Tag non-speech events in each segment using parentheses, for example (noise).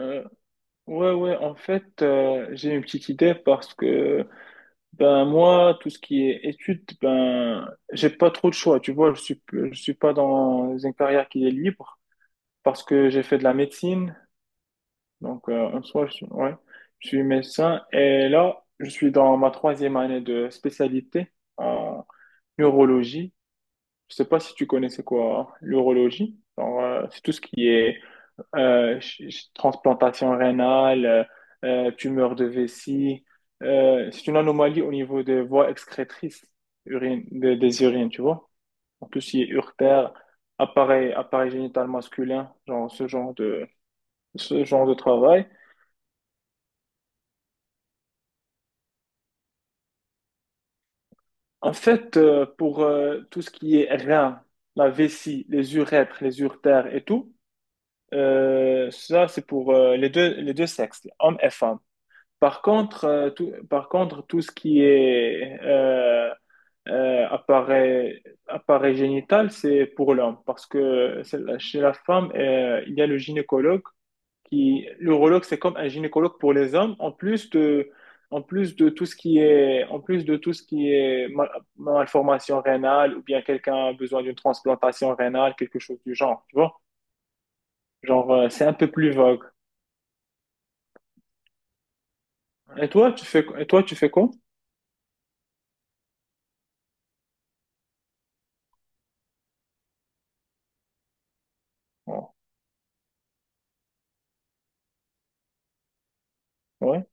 Euh, ouais, ouais, en fait, j'ai une petite idée parce que, ben, moi, tout ce qui est études, ben, j'ai pas trop de choix, tu vois, je suis pas dans une carrière qui est libre parce que j'ai fait de la médecine, donc, en soi, ouais, je suis médecin et là, je suis dans ma troisième année de spécialité en neurologie. Je sais pas si tu connais c'est quoi, hein, l'urologie. Alors, c'est tout ce qui est transplantation rénale, tumeur de vessie. C'est une anomalie au niveau des voies excrétrices urine, des urines, tu vois. Donc, tout ce qui est urtère, appareil génital masculin, genre ce genre de travail. En fait, pour tout ce qui est rein, la vessie, les urètres, les urtères et tout, ça, c'est pour les deux sexes, hommes et femmes. Par contre, tout ce qui est euh, appareil, appareil génital, c'est pour l'homme. Parce que chez la femme, il y a le gynécologue qui, l'urologue, c'est comme un gynécologue pour les hommes. En plus de tout ce qui est malformation rénale ou bien quelqu'un a besoin d'une transplantation rénale, quelque chose du genre, tu vois? Genre, c'est un peu plus vague. Et toi, tu fais quoi? Ouais, ouais,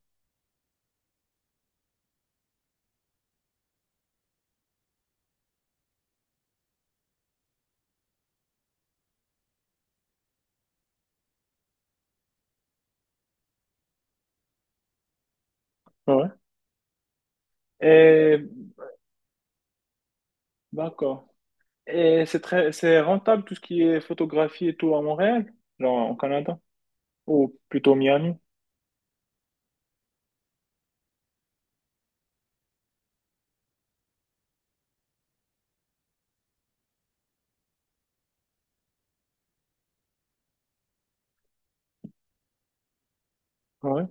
ouais. Et d'accord. Et c'est rentable tout ce qui est photographie et tout à Montréal, genre au Canada, ou plutôt Miami. Ouais.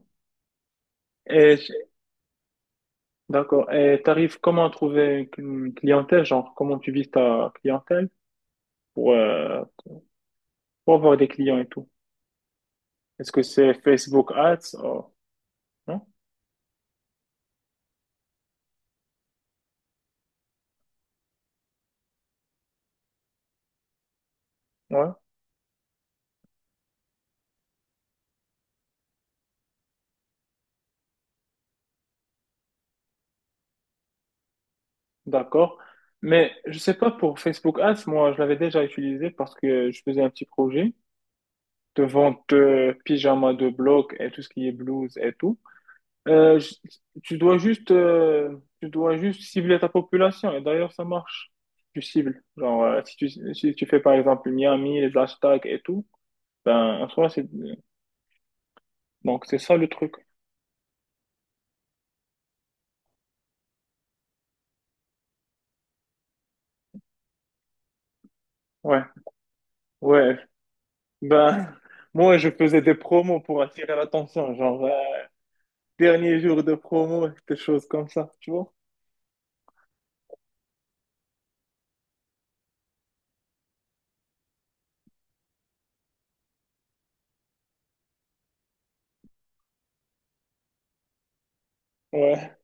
Et d'accord. Et t'arrives comment à trouver une clientèle, genre comment tu vises ta clientèle pour, euh, pour avoir des clients et tout? Est-ce que c'est Facebook Ads? Oh, non? Ouais, d'accord. Mais je sais pas pour Facebook Ads, moi, je l'avais déjà utilisé parce que je faisais un petit projet de vente de pyjamas de bloc et tout ce qui est blouse et tout. Euh, je- tu dois juste, cibler ta population et d'ailleurs, ça marche. Tu cibles. Genre, si tu fais par exemple Miami, les hashtags et tout, ben, en soi, donc c'est ça le truc. Ouais. Ouais, ben, moi, je faisais des promos pour attirer l'attention, genre dernier jour de promo, des choses comme ça, tu vois. Ouais.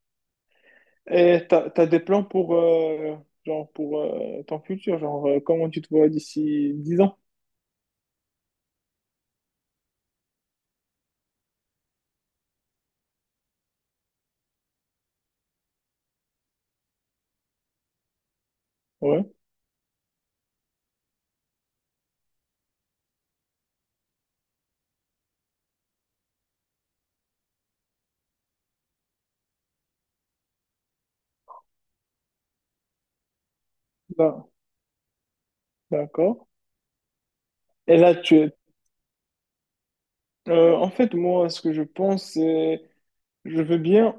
Et t'as des plans pour ton futur, genre comment tu te vois d'ici 10 ans? Ouais, d'a- d'accord. Et là, en fait, moi, ce que je pense, c'est je veux bien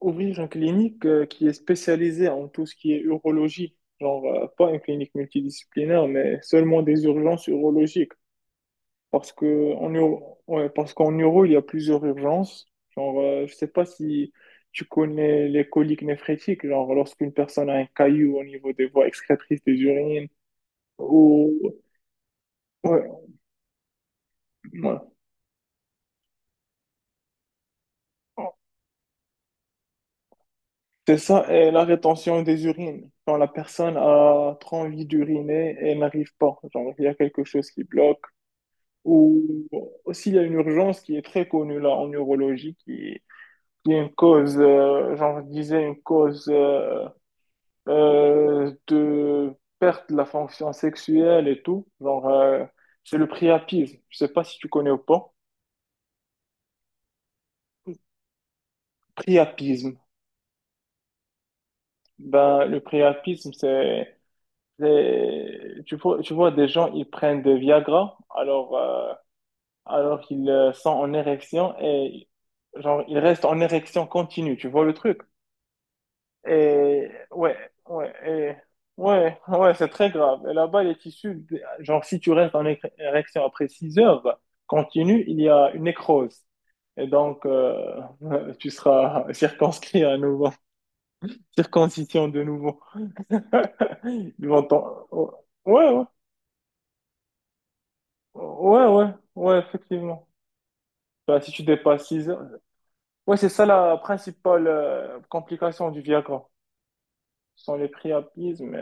ouvrir une clinique qui est spécialisée en tout ce qui est urologie, genre pas une clinique multidisciplinaire, mais seulement des urgences urologiques. Parce que en euro, ouais, parce qu'en euro, il y a plusieurs urgences. Genre, je sais pas si tu connais les coliques néphrétiques, genre lorsqu'une personne a un caillou au niveau des voies excrétrices des urines. Ou Ouais, ouais. C'est ça, et la rétention des urines. Quand la personne a trop envie d'uriner et n'arrive pas, genre il y a quelque chose qui bloque. Ou aussi, il y a une urgence qui est très connue là en neurologie qui est une cause, genre je disais, une cause de perte de la fonction sexuelle et tout. Genre, c'est le priapisme. Je sais pas si tu connais ou pas. Priapisme. Ben, le priapisme, tu vois, des gens, ils prennent des Viagra, alors qu'ils sont en érection et, genre, ils restent en érection continue. Tu vois le truc? Et ouais, ouais, ouais, ouais, c'est très grave. Et là-bas, les tissus, genre si tu restes en érection après 6 heures, bah, continue, il y a une nécrose. Et donc, (laughs) tu seras circonscrit à nouveau, (laughs) circoncision de nouveau. (laughs) Oh, ouais, ouais, ouais, ouais, ouais, effectivement. Bah, si tu dépasses 6 heures. Ouais, c'est ça la principale complication du Viagra. Ce sont les priapismes.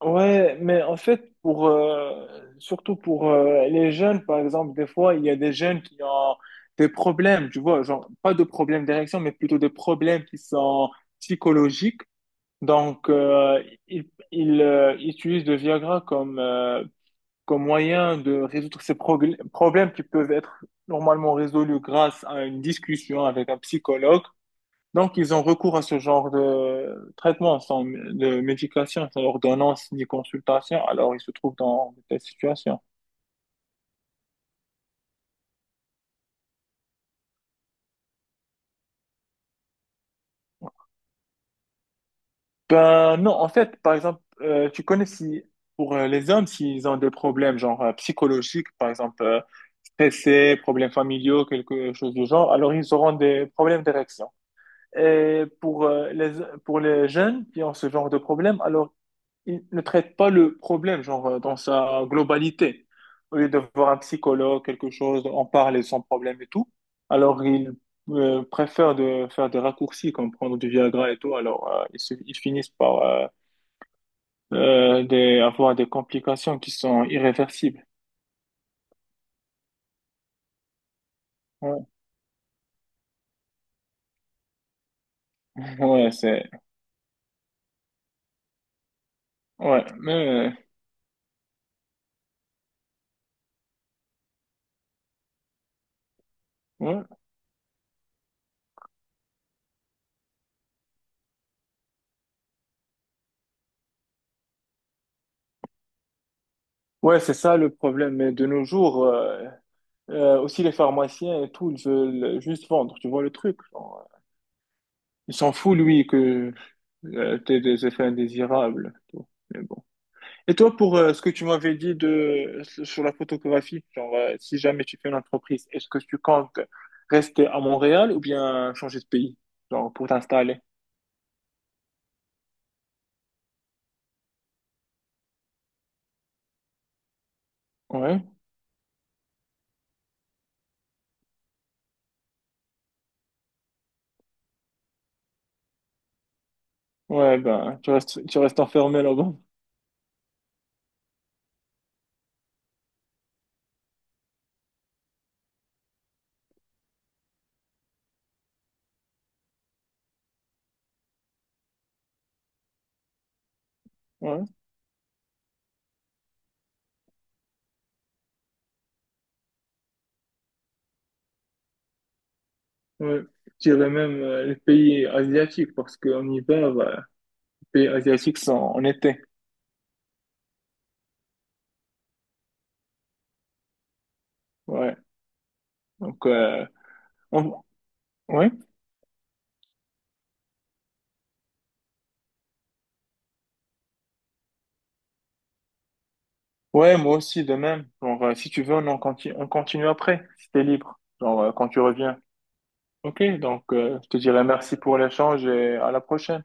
Ouais, mais en fait, surtout pour les jeunes, par exemple, des fois, il y a des jeunes qui ont des problèmes, tu vois, genre, pas de problèmes d'érection, mais plutôt des problèmes qui sont psychologiques. Donc, ils utilisent le Viagra comme moyen de résoudre ces problèmes qui peuvent être normalement résolus grâce à une discussion avec un psychologue. Donc, ils ont recours à ce genre de traitement sans de médication, sans ordonnance ni consultation. Alors, ils se trouvent dans de telles situations. Ben non, en fait, par exemple, tu connais si pour les hommes, s'ils ont des problèmes genre psychologiques, par exemple stressés, problèmes familiaux, quelque chose du genre, alors ils auront des problèmes d'érection. Et pour les jeunes qui ont ce genre de problème, alors ils ne traitent pas le problème genre dans sa globalité. Au lieu de voir un psychologue, quelque chose, en parler sans problème et tout, alors ils préfèrent de faire des raccourcis comme prendre du Viagra et tout, alors ils finissent par avoir des complications qui sont irréversibles. Ouais, (laughs) ouais, c'est ouais, mais ouais, ouais, c'est ça le problème. Mais de nos jours, aussi les pharmaciens et tout, ils veulent juste vendre, tu vois le truc. Genre. Il s'en foutent lui, que t'aies des effets indésirables. Tu vois. Mais bon. Et toi, pour ce que tu m'avais dit sur la photographie, genre, si jamais tu fais une entreprise, est-ce que tu comptes rester à Montréal ou bien changer de pays, genre, pour t'installer? Ouais, ouais, ben, tu restes enfermé là-bas. Ouais, ouais. Je dirais même les pays asiatiques, parce qu'en hiver, bah, les pays asiatiques sont en été. Ouais. Donc, on- ouais. Ouais, moi aussi, de même. Genre, si tu veux, on continue après, si t'es libre, genre, quand tu reviens. Ok, donc, je te dirai merci pour l'échange et à la prochaine.